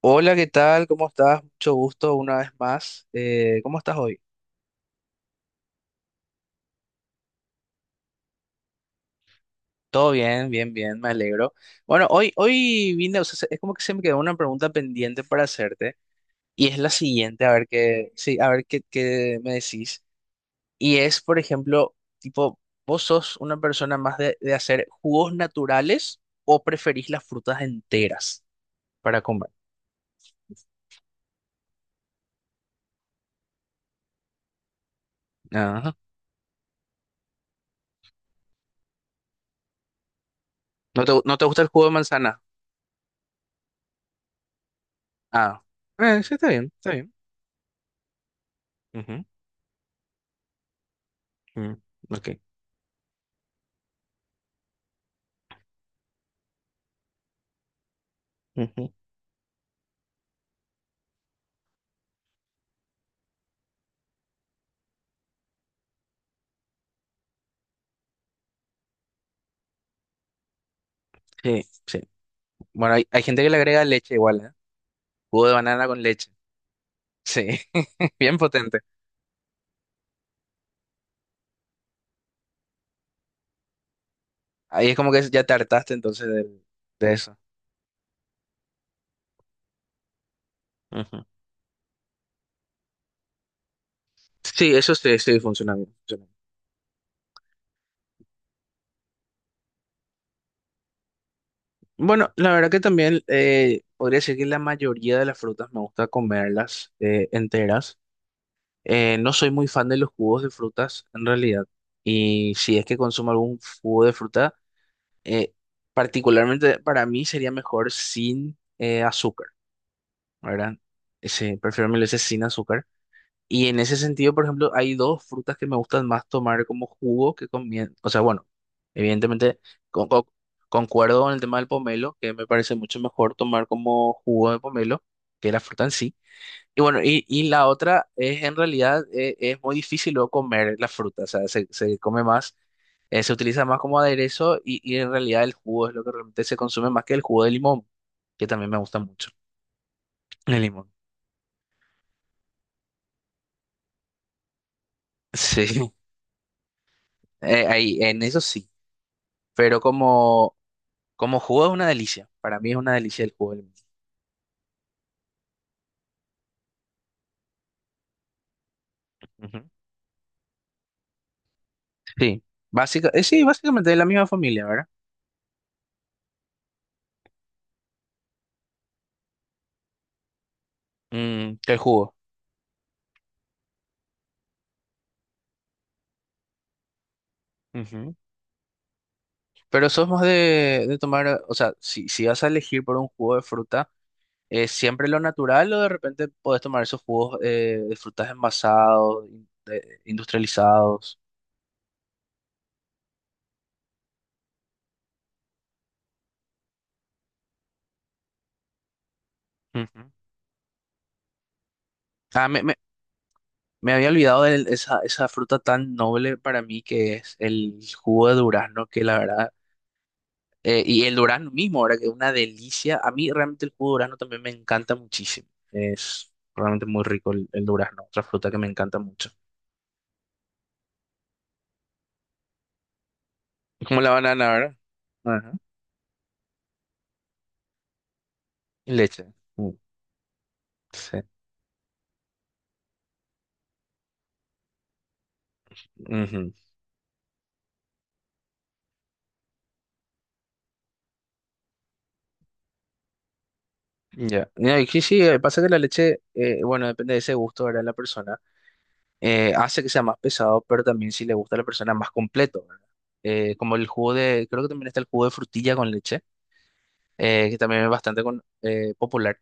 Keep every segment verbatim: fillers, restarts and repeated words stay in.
Hola, ¿qué tal? ¿Cómo estás? Mucho gusto una vez más. Eh, ¿cómo estás hoy? Todo bien, bien, bien, me alegro. Bueno, hoy, hoy vine, o sea, se- es como que se me quedó una pregunta pendiente para hacerte y es la siguiente, a ver qué, sí, a ver qué, qué me decís. Y es, por ejemplo, tipo, ¿vos sos una persona más de, de hacer jugos naturales o preferís las frutas enteras para comer? Ajá. ¿No te, no te gusta el jugo de manzana? Ah, eh, sí, está bien, está bien. Ujú, mm, ok. Sí, sí. Bueno, hay, hay gente que le agrega leche igual, ¿eh? Jugo de banana con leche. Sí, bien potente. Ahí es como que ya te hartaste entonces del- de, eso. Ujú. Sí, eso sí, sí funciona bien. Funciona bien. Bueno, la verdad que también eh, podría decir que la mayoría de las frutas me gusta comerlas eh, enteras. Eh, no soy muy fan de los jugos de frutas en realidad. Y si es que consumo algún jugo de fruta, eh, particularmente para mí sería mejor sin eh, azúcar. ¿Verdad? Sí, prefiero mil veces sin azúcar. Y en ese sentido, por ejemplo, hay dos frutas que me gustan más tomar como jugo que con comien... O sea, bueno, evidentemente con- con- concuerdo con el tema del pomelo, que me parece mucho mejor tomar como jugo de pomelo que la fruta en sí. Y bueno, y, y la otra es en realidad eh, es muy difícil luego comer la fruta, o sea, se, se come más, eh, se utiliza más como aderezo y, y en realidad el jugo es lo que realmente se consume más que el jugo de limón, que también me gusta mucho. El limón. Sí. Eh, ahí, en eso sí, pero como, como jugo es una delicia. Para mí es una delicia el jugo. Del mismo. Ujú, sí, básica, eh, sí, básicamente de la misma familia, ¿verdad? Mm, que el jugo. Ujú. Pero sos más de, de tomar, o sea, si, si vas a elegir por un jugo de fruta, ¿es siempre lo natural o de repente podés tomar esos jugos eh, de frutas envasados, in- de- industrializados? Ujú. Ah, me, me, me había olvidado de esa, esa fruta tan noble para mí que es el jugo de durazno, que la verdad. Eh, y el durazno mismo, ahora que es una delicia. A mí realmente el jugo de durazno también me encanta muchísimo. Es realmente muy rico el, el durazno, otra fruta que me encanta mucho. Es como la banana, ¿verdad? Ajá. Y leche. Mm, sí. Ujú. Ya. Ya, y sí, sí, eh, pasa que la leche, eh, bueno, depende de ese gusto, ¿verdad? La persona eh, hace que sea más pesado, pero también si le gusta a la persona más completo, ¿verdad? Eh, como el jugo de, creo que también está el jugo de frutilla con leche eh, que también es bastante con- eh, popular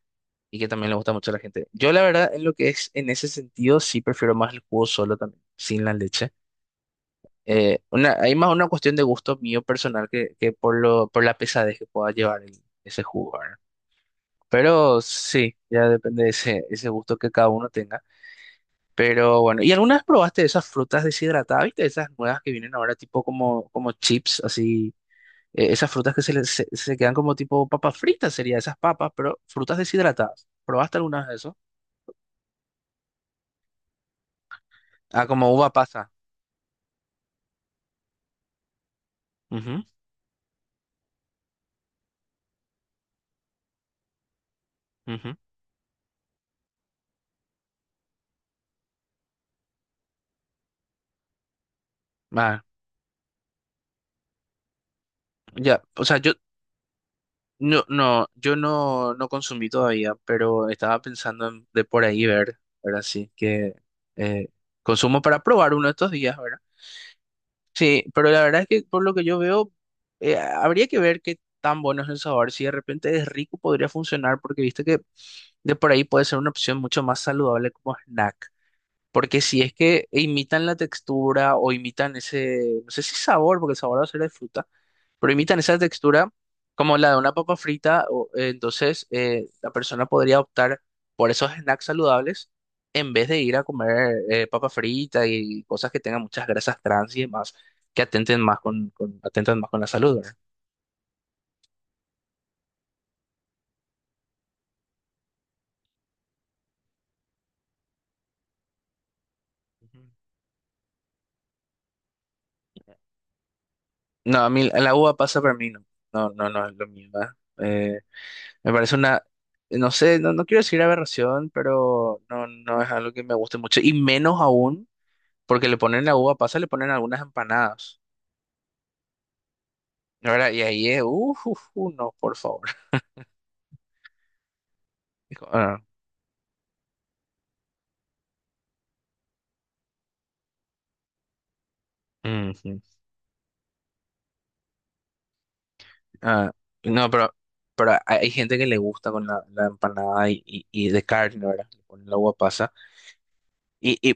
y que también le gusta mucho a la gente. Yo la verdad, en lo que es, en ese sentido, sí prefiero más el jugo solo también, sin la leche. Eh, una, hay más una cuestión de gusto mío personal que, que por lo, por la pesadez que pueda llevar el- ese jugo, ¿verdad? Pero sí, ya depende de ese, ese gusto que cada uno tenga. Pero bueno, ¿y alguna vez probaste esas frutas deshidratadas, viste? Esas nuevas que vienen ahora tipo como, como chips, así eh, esas frutas que se, le- se, se quedan como tipo papas fritas, sería esas papas, pero frutas deshidratadas. ¿Probaste algunas de eso? Ah, como uva pasa. Ujú, ujú. Ah, ya, o sea, yo no, no, yo no, no consumí todavía, pero estaba pensando en- de por ahí ver, ¿verdad? Sí, que eh, consumo para probar uno de estos días, ¿verdad? Sí, pero la verdad es que por lo que yo veo, eh, habría que ver qué tan bueno es el sabor. Si de repente es rico, podría funcionar, porque viste que de por ahí puede ser una opción mucho más saludable como snack. Porque si es que imitan la textura o imitan ese, no sé si sabor, porque el sabor va a ser de fruta, pero imitan esa textura como la de una papa frita, o- eh, entonces eh, la persona podría optar por esos snacks saludables en vez de ir a comer eh, papa frita y cosas que tengan muchas grasas trans y demás, que atenten más con, con- atentan más con la salud, ¿verdad? Ujú. No, a mí la uva pasa para mí, no, no, no, no es lo mío, ¿verdad? Me parece una, no sé, no, no quiero decir aberración, pero no, no es algo que me guste mucho. Y menos aún, porque le ponen la uva pasa, le ponen algunas empanadas. Ahora, y ahí es, uff, no, por favor. Dijo, ah, ujú. Ah, no, pero, pero hay hay gente que le gusta con la, la empanada y, y, y de carne, ¿verdad? Le ponen la uva pasa. y y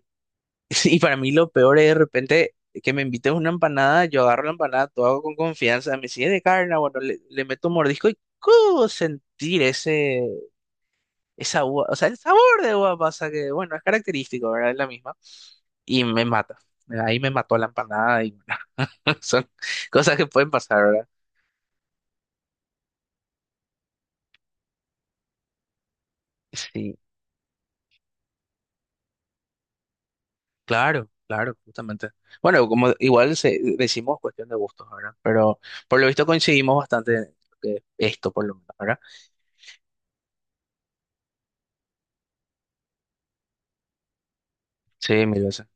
Sí, y para mí lo peor es de repente que me invites una empanada, yo agarro la empanada, todo hago con confianza, me sigue de carne, bueno, le, le meto un mordisco y ¡cu! Sentir ese, esa uva, o sea, el sabor de uva pasa que, bueno, es característico, ¿verdad? Es la misma. Y me mata. Ahí me mató la empanada y son cosas que pueden pasar, ¿verdad? Sí, claro, claro, justamente. Bueno, como igual se, decimos cuestión de gustos, ¿verdad? Pero por lo visto coincidimos bastante en lo que- esto, por lo menos, ¿verdad? Sí, mil veces.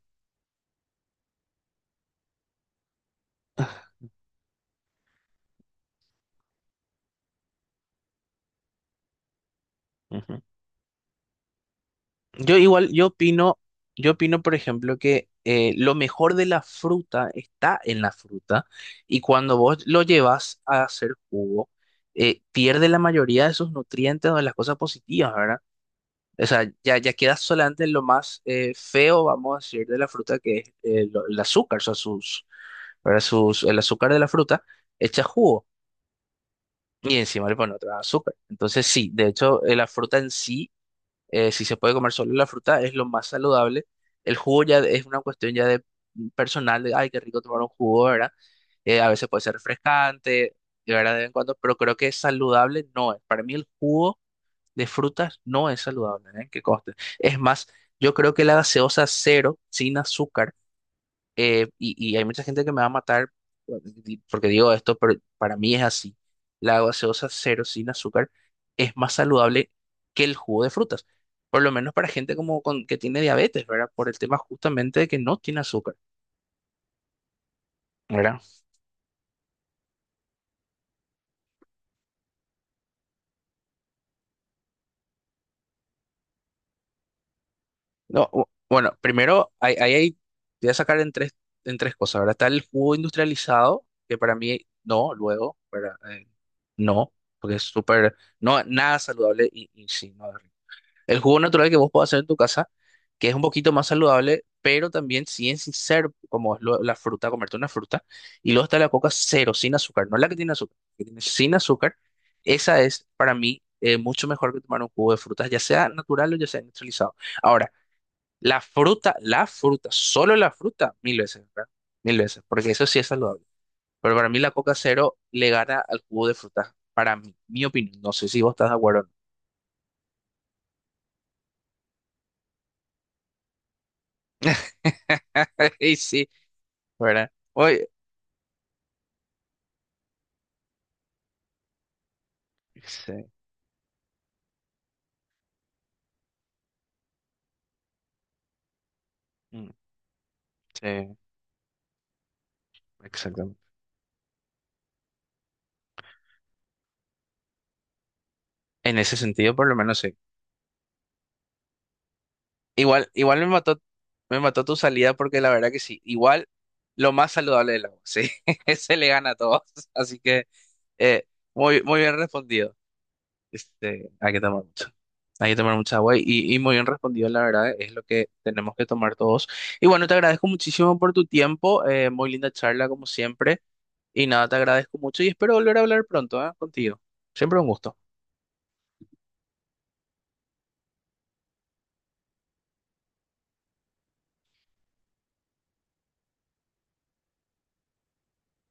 Ujú. Yo igual, yo opino, yo opino, por ejemplo, que eh, lo mejor de la fruta está en la fruta y cuando vos lo llevas a hacer jugo, eh, pierde la mayoría de sus nutrientes o de las cosas positivas, ¿verdad? O sea, ya, ya queda solamente lo más eh, feo, vamos a decir, de la fruta, que es eh, lo- el azúcar, o sea, sus, ¿verdad? Sus, el azúcar de la fruta echa jugo y encima le pone otra azúcar. Entonces, sí, de hecho, eh, la fruta en sí eh, si se puede comer solo la fruta, es lo más saludable. El jugo ya es una cuestión ya de personal, de, ay, qué rico tomar un jugo, ¿verdad? Eh, a veces puede ser refrescante, de verdad, de vez en cuando, pero creo que saludable no es. Para mí el jugo de frutas no es saludable, ¿eh? Que conste. Es más, yo creo que la gaseosa cero, sin azúcar, eh, y, y hay mucha gente que me va a matar bueno, di- porque digo esto, pero para mí es así. La gaseosa cero sin azúcar es más saludable que el jugo de frutas, por lo menos para gente como con, que tiene diabetes, ¿verdad? Por el tema justamente de que no tiene azúcar, ¿verdad? No, bu- bueno, primero, ahí hay, hay- hay- te voy a sacar en tres, en tres cosas, ¿verdad? Está el jugo industrializado, que para mí no, luego, ¿verdad? Eh, no, porque es súper, no, nada saludable y, y sí, no, el jugo natural que vos podés hacer en tu casa, que es un poquito más saludable, pero también sin sin ser como es lo- la fruta, comerte una fruta. Y luego está la coca cero, sin azúcar, no la que tiene azúcar, la que tiene sin azúcar. Esa es para mí eh, mucho mejor que tomar un jugo de frutas, ya sea natural o ya sea industrializado. Ahora, la fruta, la fruta, solo la fruta, mil veces, ¿verdad? Mil veces, porque eso sí es saludable. Pero para mí la coca cero le gana al jugo de frutas, para mí, mi opinión. No sé si vos estás de acuerdo o no. Y sí, ¿verdad? Oye, sí, mm, sí, exactamente. En ese sentido, por lo menos sí. Igual, igual me mató, me mató tu salida porque la verdad que sí. Igual lo más saludable del agua, sí. Se le gana a todos. Así que eh, muy, muy bien respondido. Este, hay que tomar mucho. Hay que tomar mucha agua y, y muy bien respondido, la verdad, es lo que tenemos que tomar todos. Y bueno, te agradezco muchísimo por tu tiempo. eh, muy linda charla, como siempre. Y nada, te agradezco mucho y espero volver a hablar pronto, ¿eh? Contigo. Siempre un gusto.